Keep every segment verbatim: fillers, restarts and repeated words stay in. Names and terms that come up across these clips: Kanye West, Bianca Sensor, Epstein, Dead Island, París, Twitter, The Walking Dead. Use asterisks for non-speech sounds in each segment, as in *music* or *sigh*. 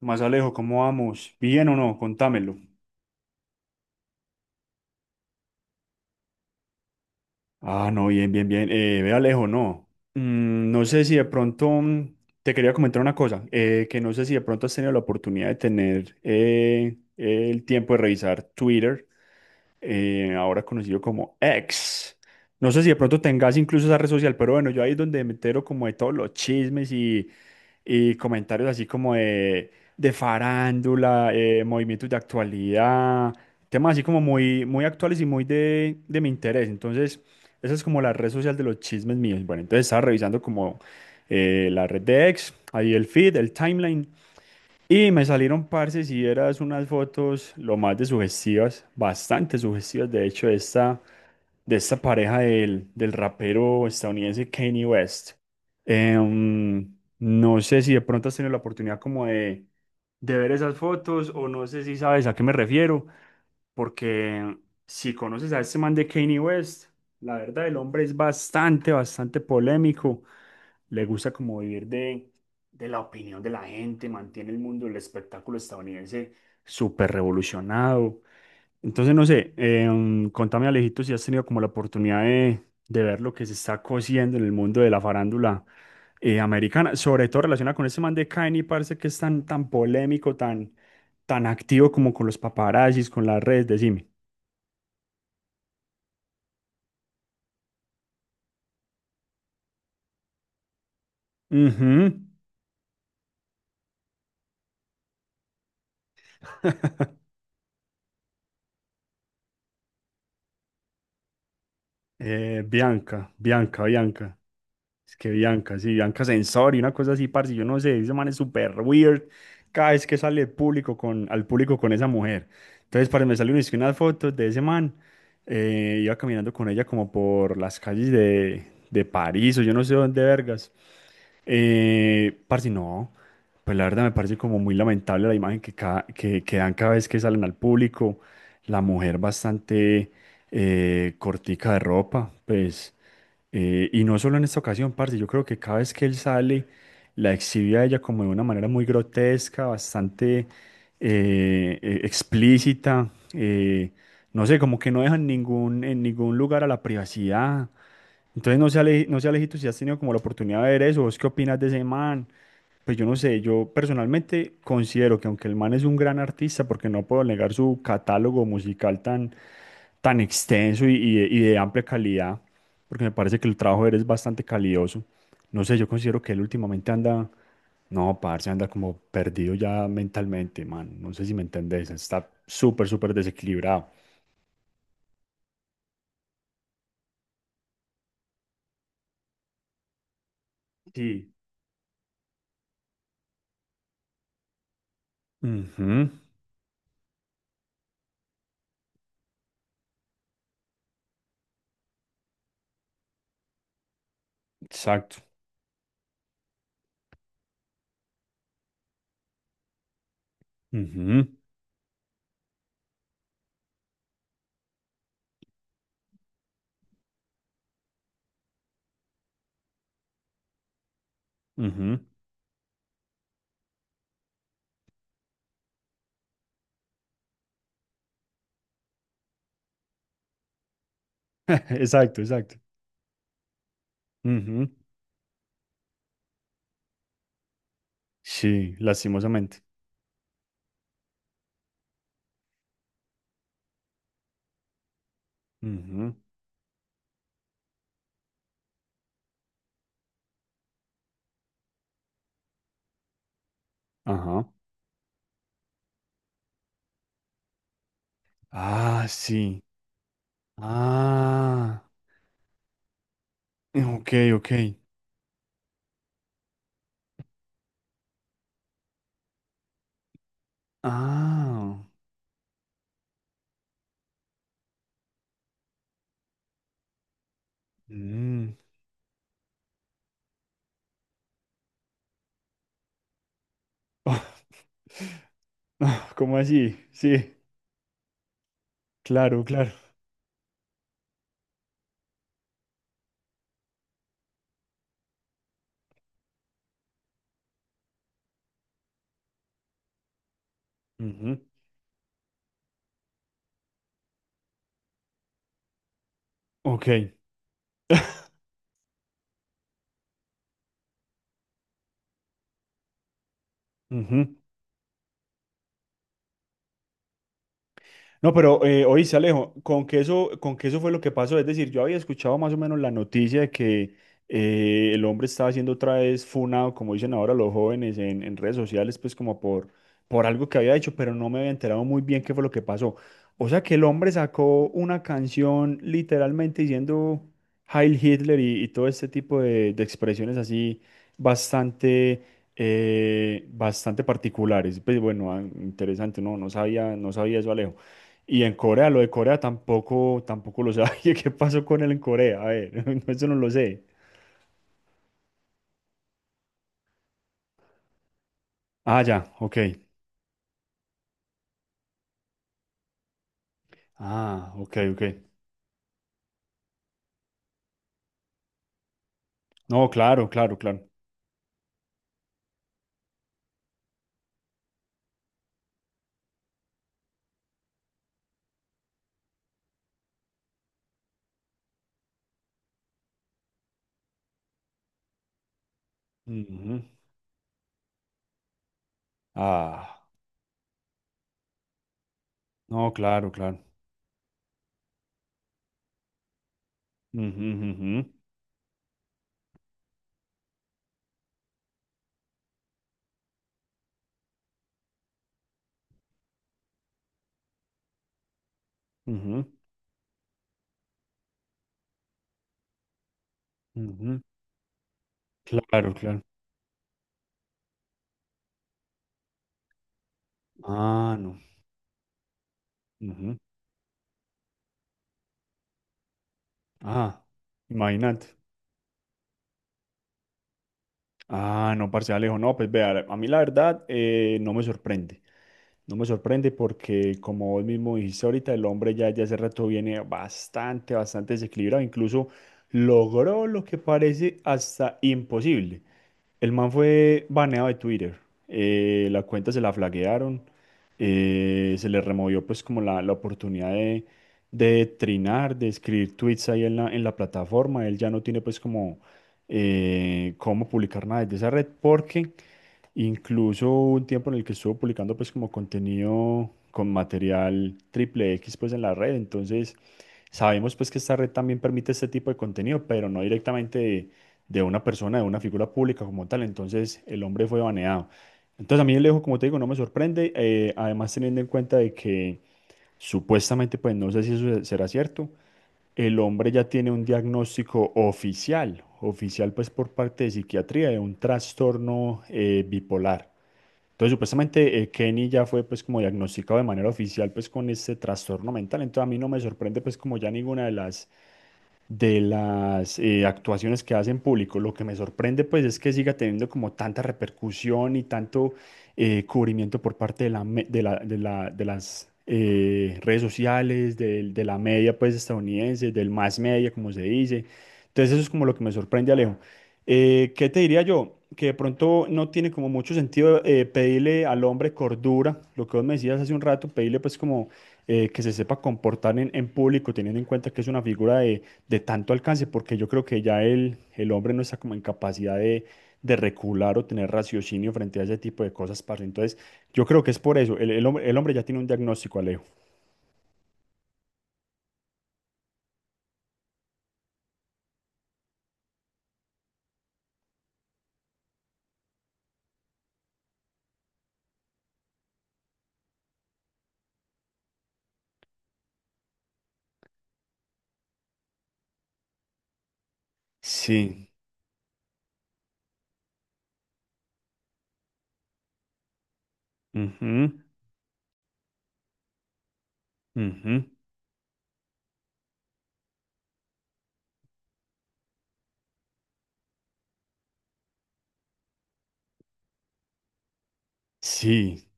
Más Alejo, ¿cómo vamos? ¿Bien o no? Contámelo. Ah, no, bien, bien, bien. Eh, ve Alejo, no. Mm, no sé si de pronto mm, te quería comentar una cosa, eh, que no sé si de pronto has tenido la oportunidad de tener eh, el tiempo de revisar Twitter, eh, ahora conocido como X. No sé si de pronto tengas incluso esa red social, pero bueno, yo ahí es donde me entero como de todos los chismes y y comentarios así como de, de farándula, eh, movimientos de actualidad, temas así como muy, muy actuales y muy de, de mi interés. Entonces, esa es como la red social de los chismes míos. Bueno, entonces estaba revisando como eh, la red de ex, ahí el feed, el timeline, y me salieron, parce, si eras unas fotos lo más de sugestivas, bastante sugestivas, de hecho, de esta de esta pareja del, del rapero estadounidense Kanye West. Em, no sé si de pronto has tenido la oportunidad como de, de ver esas fotos o no sé si sabes a qué me refiero, porque si conoces a este man de Kanye West, la verdad el hombre es bastante, bastante polémico, le gusta como vivir de, de la opinión de la gente, mantiene el mundo del espectáculo estadounidense súper revolucionado. Entonces, no sé, em, contame Alejito si has tenido como la oportunidad de, de ver lo que se está cosiendo en el mundo de la farándula eh, americana, sobre todo relacionada con ese man de Kanye, parece que es tan, tan polémico, tan, tan activo como con los paparazzis, con las redes, decime. Ujú. Eh, Bianca, Bianca, Bianca. Es que Bianca, sí, Bianca Sensor y una cosa así, parce, yo no sé, ese man es súper weird cada vez que sale público con, al público con esa mujer. Entonces, parce, me salieron es que unas fotos de ese man, eh, iba caminando con ella como por las calles de, de París o yo no sé dónde vergas. Eh, parce, no, pues la verdad me parece como muy lamentable la imagen que, ca- que, que dan cada vez que salen al público, la mujer bastante eh, cortica de ropa, pues... Eh, y no solo en esta ocasión, parce, yo creo que cada vez que él sale, la exhibe a ella como de una manera muy grotesca, bastante eh, eh, explícita. Eh, no sé, como que no dejan ningún, en ningún lugar a la privacidad. Entonces, no sé, Ale- no sé, Alejito, si has tenido como la oportunidad de ver eso, ¿vos qué opinas de ese man? Pues yo no sé, yo personalmente considero que aunque el man es un gran artista, porque no puedo negar su catálogo musical tan, tan extenso y, y de, y de amplia calidad, porque me parece que el trabajo de él es bastante calidoso. No sé, yo considero que él últimamente anda, no, parce, anda como perdido ya mentalmente, man. No sé si me entendés, está súper, súper desequilibrado. Sí. Ujú, exacto. Ujú, ujú. *laughs* Exacto, exacto. Ujú. Sí, lastimosamente. Ujú. Ajá. Ah, sí. Ah, ok, ok. Ah, mm. *laughs* Ah, ¿cómo así? Sí, claro, claro. Ujú. Ok. Ujú. No, pero eh, oíste, Alejo, con que eso, con que eso fue lo que pasó. Es decir, yo había escuchado más o menos la noticia de que eh, el hombre estaba siendo otra vez funado, como dicen ahora los jóvenes en, en redes sociales, pues como por, por algo que había hecho, pero no me había enterado muy bien qué fue lo que pasó. O sea que el hombre sacó una canción literalmente diciendo Heil Hitler y, y todo este tipo de, de expresiones así bastante eh, bastante particulares. Pues bueno, ah, interesante, no, no sabía, no sabía eso, Alejo. Y en Corea, lo de Corea tampoco, tampoco lo sabía. *laughs* ¿Qué pasó con él en Corea? A ver, *laughs* no, eso no lo sé. Ah, ya, ok. Ah, ok, ok. No, claro, claro, claro. Ujú. Ah, no, claro, claro. Ujú, ujú, ujú, ujú. Claro, claro. Ah, no. Ujú. Ah, imagínate. Ah, no, parce Alejo, no, pues vea, a mí la verdad eh, no me sorprende. No me sorprende porque, como vos mismo dijiste ahorita, el hombre ya ya hace rato viene bastante, bastante desequilibrado. Incluso logró lo que parece hasta imposible. El man fue baneado de Twitter. Eh, la cuenta se la flaguearon. Eh, se le removió pues como la, la oportunidad de, de trinar, de escribir tweets ahí en la, en la plataforma. Él ya no tiene pues como eh, cómo publicar nada desde esa red porque incluso hubo un tiempo en el que estuvo publicando pues como contenido con material triple X pues en la red. Entonces sabemos pues que esta red también permite este tipo de contenido, pero no directamente de, de una persona, de una figura pública como tal. Entonces el hombre fue baneado. Entonces a mí el Alejo, como te digo, no me sorprende. Eh, además teniendo en cuenta de que supuestamente pues no sé si eso será cierto. El hombre ya tiene un diagnóstico oficial, oficial pues por parte de psiquiatría de un trastorno eh, bipolar. Entonces, supuestamente, eh, Kenny ya fue pues como diagnosticado de manera oficial pues con este trastorno mental. Entonces, a mí no me sorprende pues como ya ninguna de las de las eh, actuaciones que hace en público. Lo que me sorprende pues es que siga teniendo como tanta repercusión y tanto eh, cubrimiento por parte de la, me- de la- de la- de las eh, redes sociales, del- de, la media pues estadounidense, del más media como se dice. Entonces eso es como lo que me sorprende, Alejo. Eh, ¿qué te diría yo? Que de pronto no tiene como mucho sentido eh, pedirle al hombre cordura, lo que vos me decías hace un rato, pedirle pues como eh, que se sepa comportar en, en público, teniendo en cuenta que es una figura de de tanto alcance, porque yo creo que ya el, el hombre no está como en capacidad de, de recular o tener raciocinio frente a ese tipo de cosas, parce. Entonces, yo creo que es por eso. El, el hombre, el hombre ya tiene un diagnóstico, Alejo. Sí. Ujú, ujú. Sí.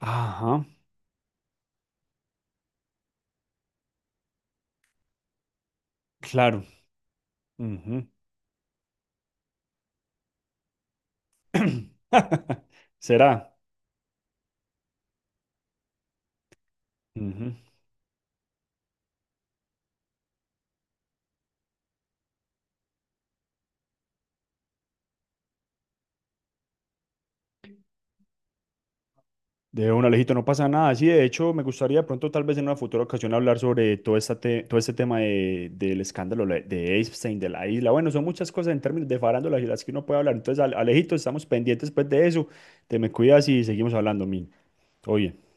Ajá. Claro. Ujú. *clears throat* *laughs* ¿Será? Ujú. De un Alejito, no pasa nada. Sí, de hecho, me gustaría pronto, tal vez en una futura ocasión, hablar sobre todo, esta te- todo este tema de- del escándalo le- de Epstein, de la isla. Bueno, son muchas cosas en términos de farándula y las que uno puede hablar. Entonces, Ale- Alejito, estamos pendientes pues, de eso. Te me cuidas y seguimos hablando, Min. Todo bien.